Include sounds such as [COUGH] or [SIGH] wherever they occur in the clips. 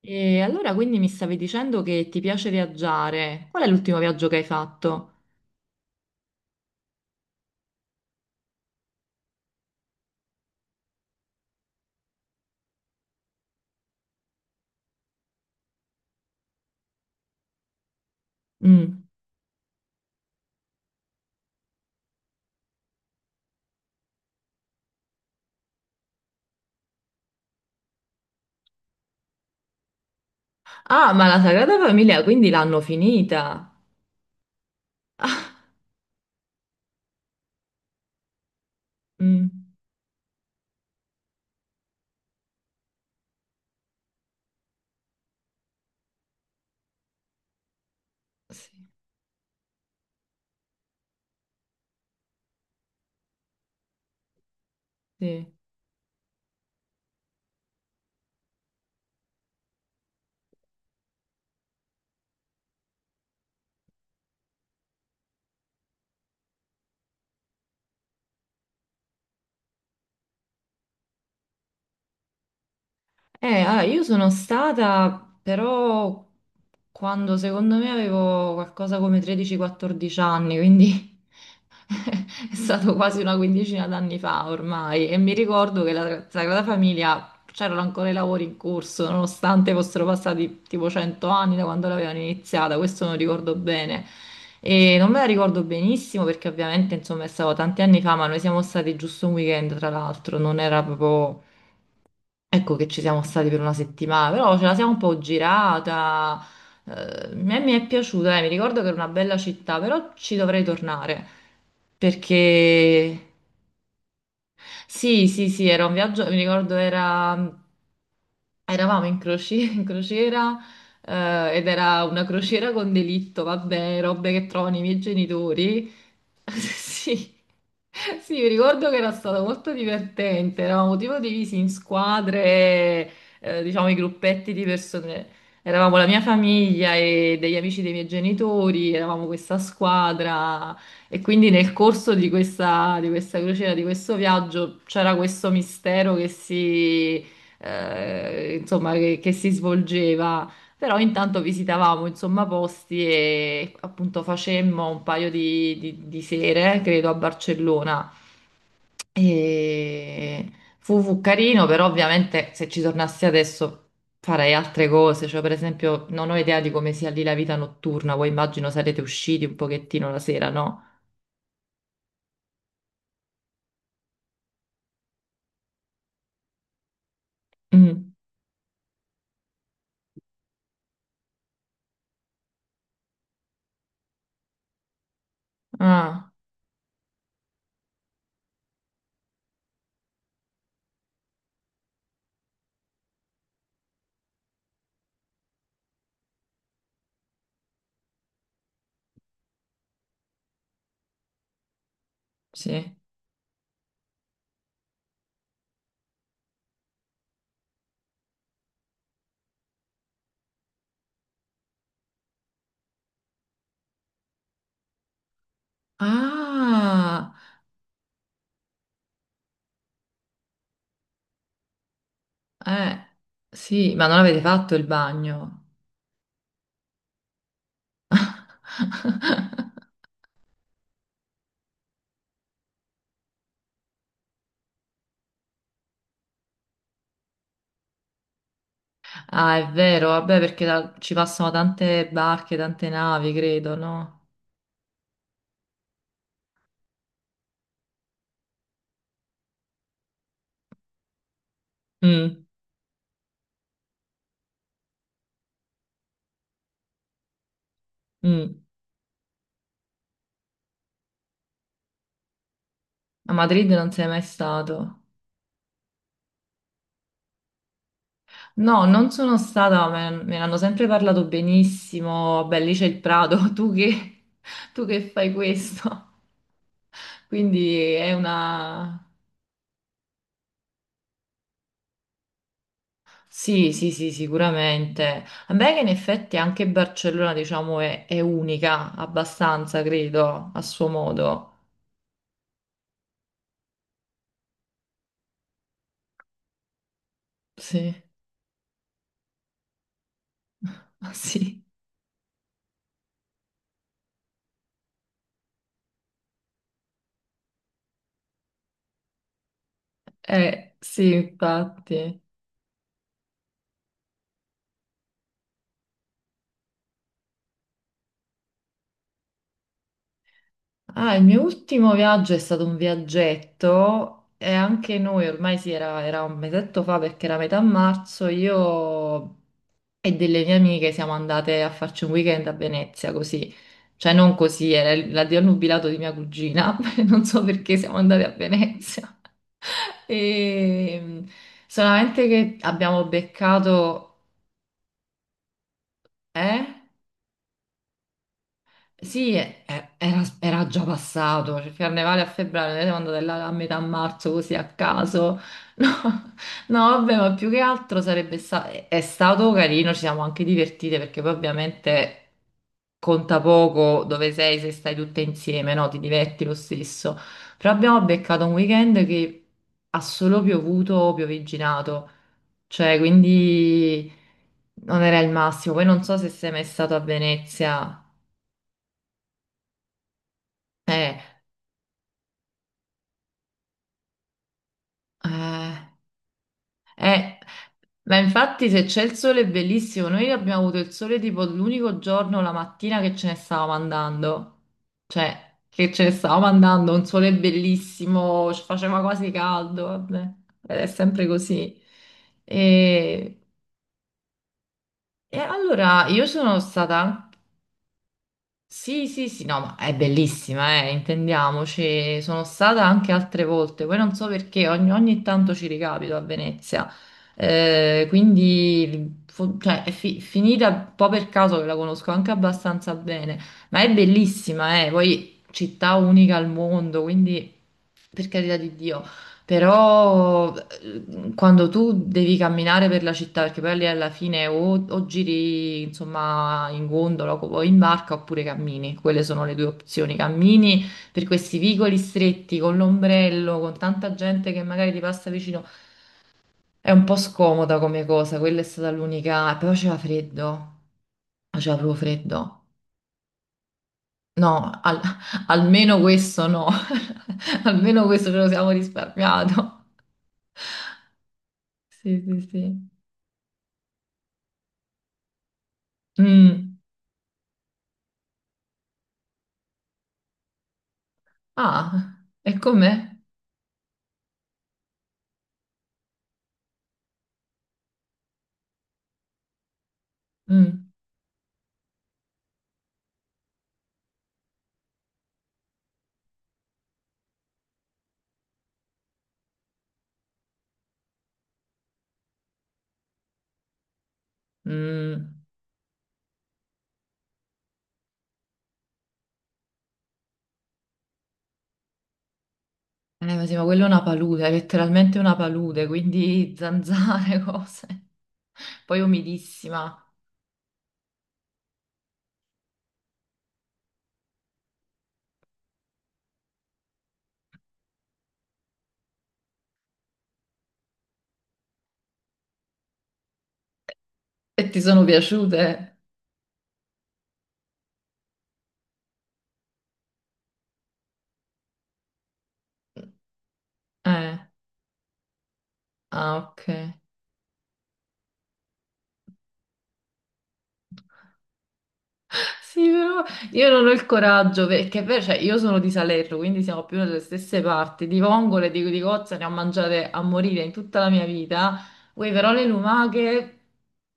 E allora quindi mi stavi dicendo che ti piace viaggiare. Qual è l'ultimo viaggio che hai fatto? Mm. Ah, ma la Sagrada Famiglia quindi l'hanno finita. Ah, mm, sì, sì. Allora, io sono stata però quando secondo me avevo qualcosa come 13-14 anni, quindi [LAUGHS] è stato quasi una quindicina d'anni fa ormai e mi ricordo che la Sagrada Famiglia c'erano ancora i lavori in corso, nonostante fossero passati tipo 100 anni da quando l'avevano iniziata, questo non ricordo bene. E non me la ricordo benissimo perché ovviamente insomma è stato tanti anni fa, ma noi siamo stati giusto un weekend tra l'altro, non era proprio ecco che ci siamo stati per una settimana, però ce la siamo un po' girata. eh, A me mi è piaciuta, mi ricordo che era una bella città, però ci dovrei tornare perché sì, sì, sì, era un viaggio, mi ricordo era eravamo in, [LAUGHS] in crociera ed era una crociera con delitto, vabbè, robe che trovano i miei genitori. [LAUGHS] Sì, sì, mi ricordo che era stato molto divertente, eravamo tipo divisi in squadre, diciamo i gruppetti di persone. Eravamo la mia famiglia e degli amici dei miei genitori, eravamo questa squadra e quindi nel corso di questa crociera, di questo viaggio, c'era questo mistero che si insomma, che si svolgeva. Però intanto visitavamo, insomma, posti e appunto facemmo un paio di, di sere, credo, a Barcellona. E fu, fu carino, però ovviamente se ci tornassi adesso farei altre cose. Cioè, per esempio, non ho idea di come sia lì la vita notturna. Voi immagino sarete usciti un pochettino la sera, no? Mm. Ah, sì. Ah, eh, sì, ma non avete fatto il bagno. [LAUGHS] Ah, è vero, vabbè, perché ci passano tante barche, tante navi, credo, no? Mm, mm. A Madrid non sei mai stato? No, non sono stata, me, me ne hanno sempre parlato benissimo. Beh, lì c'è il Prato, [LAUGHS] tu che fai questo? Quindi è una... Sì, sì, sì, sicuramente. A me che in effetti anche Barcellona, diciamo, è unica, abbastanza, credo, a suo modo. Sì, [LAUGHS] sì. Sì, infatti. Ah, il mio ultimo viaggio è stato un viaggetto e anche noi ormai sì, era, era un mesetto fa perché era metà marzo, io e delle mie amiche siamo andate a farci un weekend a Venezia così. Cioè non così, era il- l'addio al nubilato di mia cugina, [LAUGHS] non so perché siamo andate a Venezia. [LAUGHS] E solamente che abbiamo beccato... Eh? Sì, era, era già passato, cioè, il carnevale a febbraio, noi siamo andate là a metà marzo così a caso. [LAUGHS] No, no, vabbè, ma più che altro sarebbe stato, è stato carino, ci siamo anche divertite perché poi ovviamente conta poco dove sei se stai tutte insieme, no? Ti diverti lo stesso. Però abbiamo beccato un weekend che ha solo piovuto, piovigginato, cioè quindi non era il massimo. Poi non so se sei mai stato a Venezia. Eh. Eh, eh, ma infatti se c'è il sole è bellissimo, noi abbiamo avuto il sole tipo l'unico giorno, la mattina che ce ne stavamo andando, cioè che ce ne stavamo andando, un sole bellissimo, ci faceva quasi caldo, vabbè, ed è sempre così. E, e allora io sono stata sì, sì, sì, no, ma è bellissima, intendiamoci. Sono stata anche altre volte, poi non so perché ogni, ogni tanto ci ricapito a Venezia. Quindi cioè, è finita un po' per caso che la conosco anche abbastanza bene, ma è bellissima, poi città unica al mondo, quindi per carità di Dio. Però quando tu devi camminare per la città, perché poi lì alla fine o giri insomma in gondola o in barca oppure cammini, quelle sono le due opzioni. Cammini per questi vicoli stretti con l'ombrello, con tanta gente che magari ti passa vicino, è un po' scomoda come cosa, quella è stata l'unica. E poi faceva freddo, faceva proprio freddo. No, almeno questo no, [LAUGHS] almeno questo ce lo siamo risparmiato. [LAUGHS] Sì, sì, sì. Mm. Ah, e com'è? Mm, mm. Ma sì, ma quello è una palude, è letteralmente una palude, quindi zanzare, [LAUGHS] cose. Poi umidissima. E ti sono piaciute? Eh, ah, ok. Sì, però io non ho il coraggio, perché è vero, cioè, io sono di Salerno, quindi siamo più nelle stesse parti. Di vongole, di cozze ne ho mangiate a morire in tutta la mia vita. Uè, però le lumache,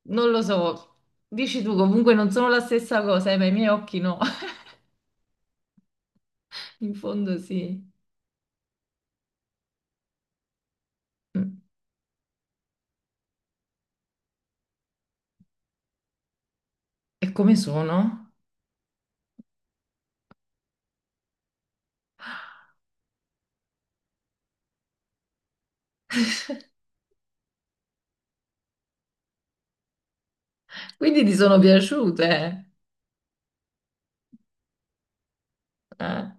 non lo so. Dici tu, comunque non sono la stessa cosa, ma i miei occhi no. In fondo sì. Mm. E come sono? [LAUGHS] Quindi ti sono piaciute? Eh,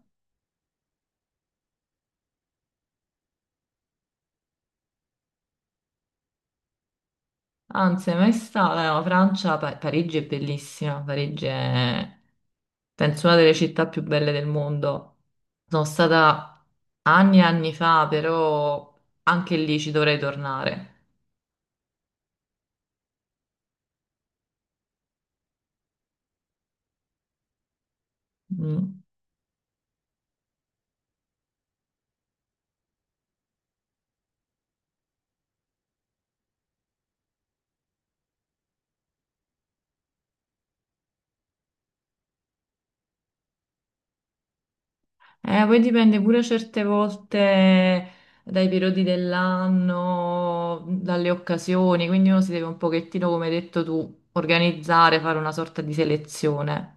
anzi, mai stata. No, Francia, Parigi è bellissima. Parigi è, penso, una delle città più belle del mondo. Sono stata anni e anni fa, però anche lì ci dovrei tornare. Mm. Poi dipende pure certe volte dai periodi dell'anno, dalle occasioni, quindi uno si deve un pochettino, come hai detto tu, organizzare, fare una sorta di selezione.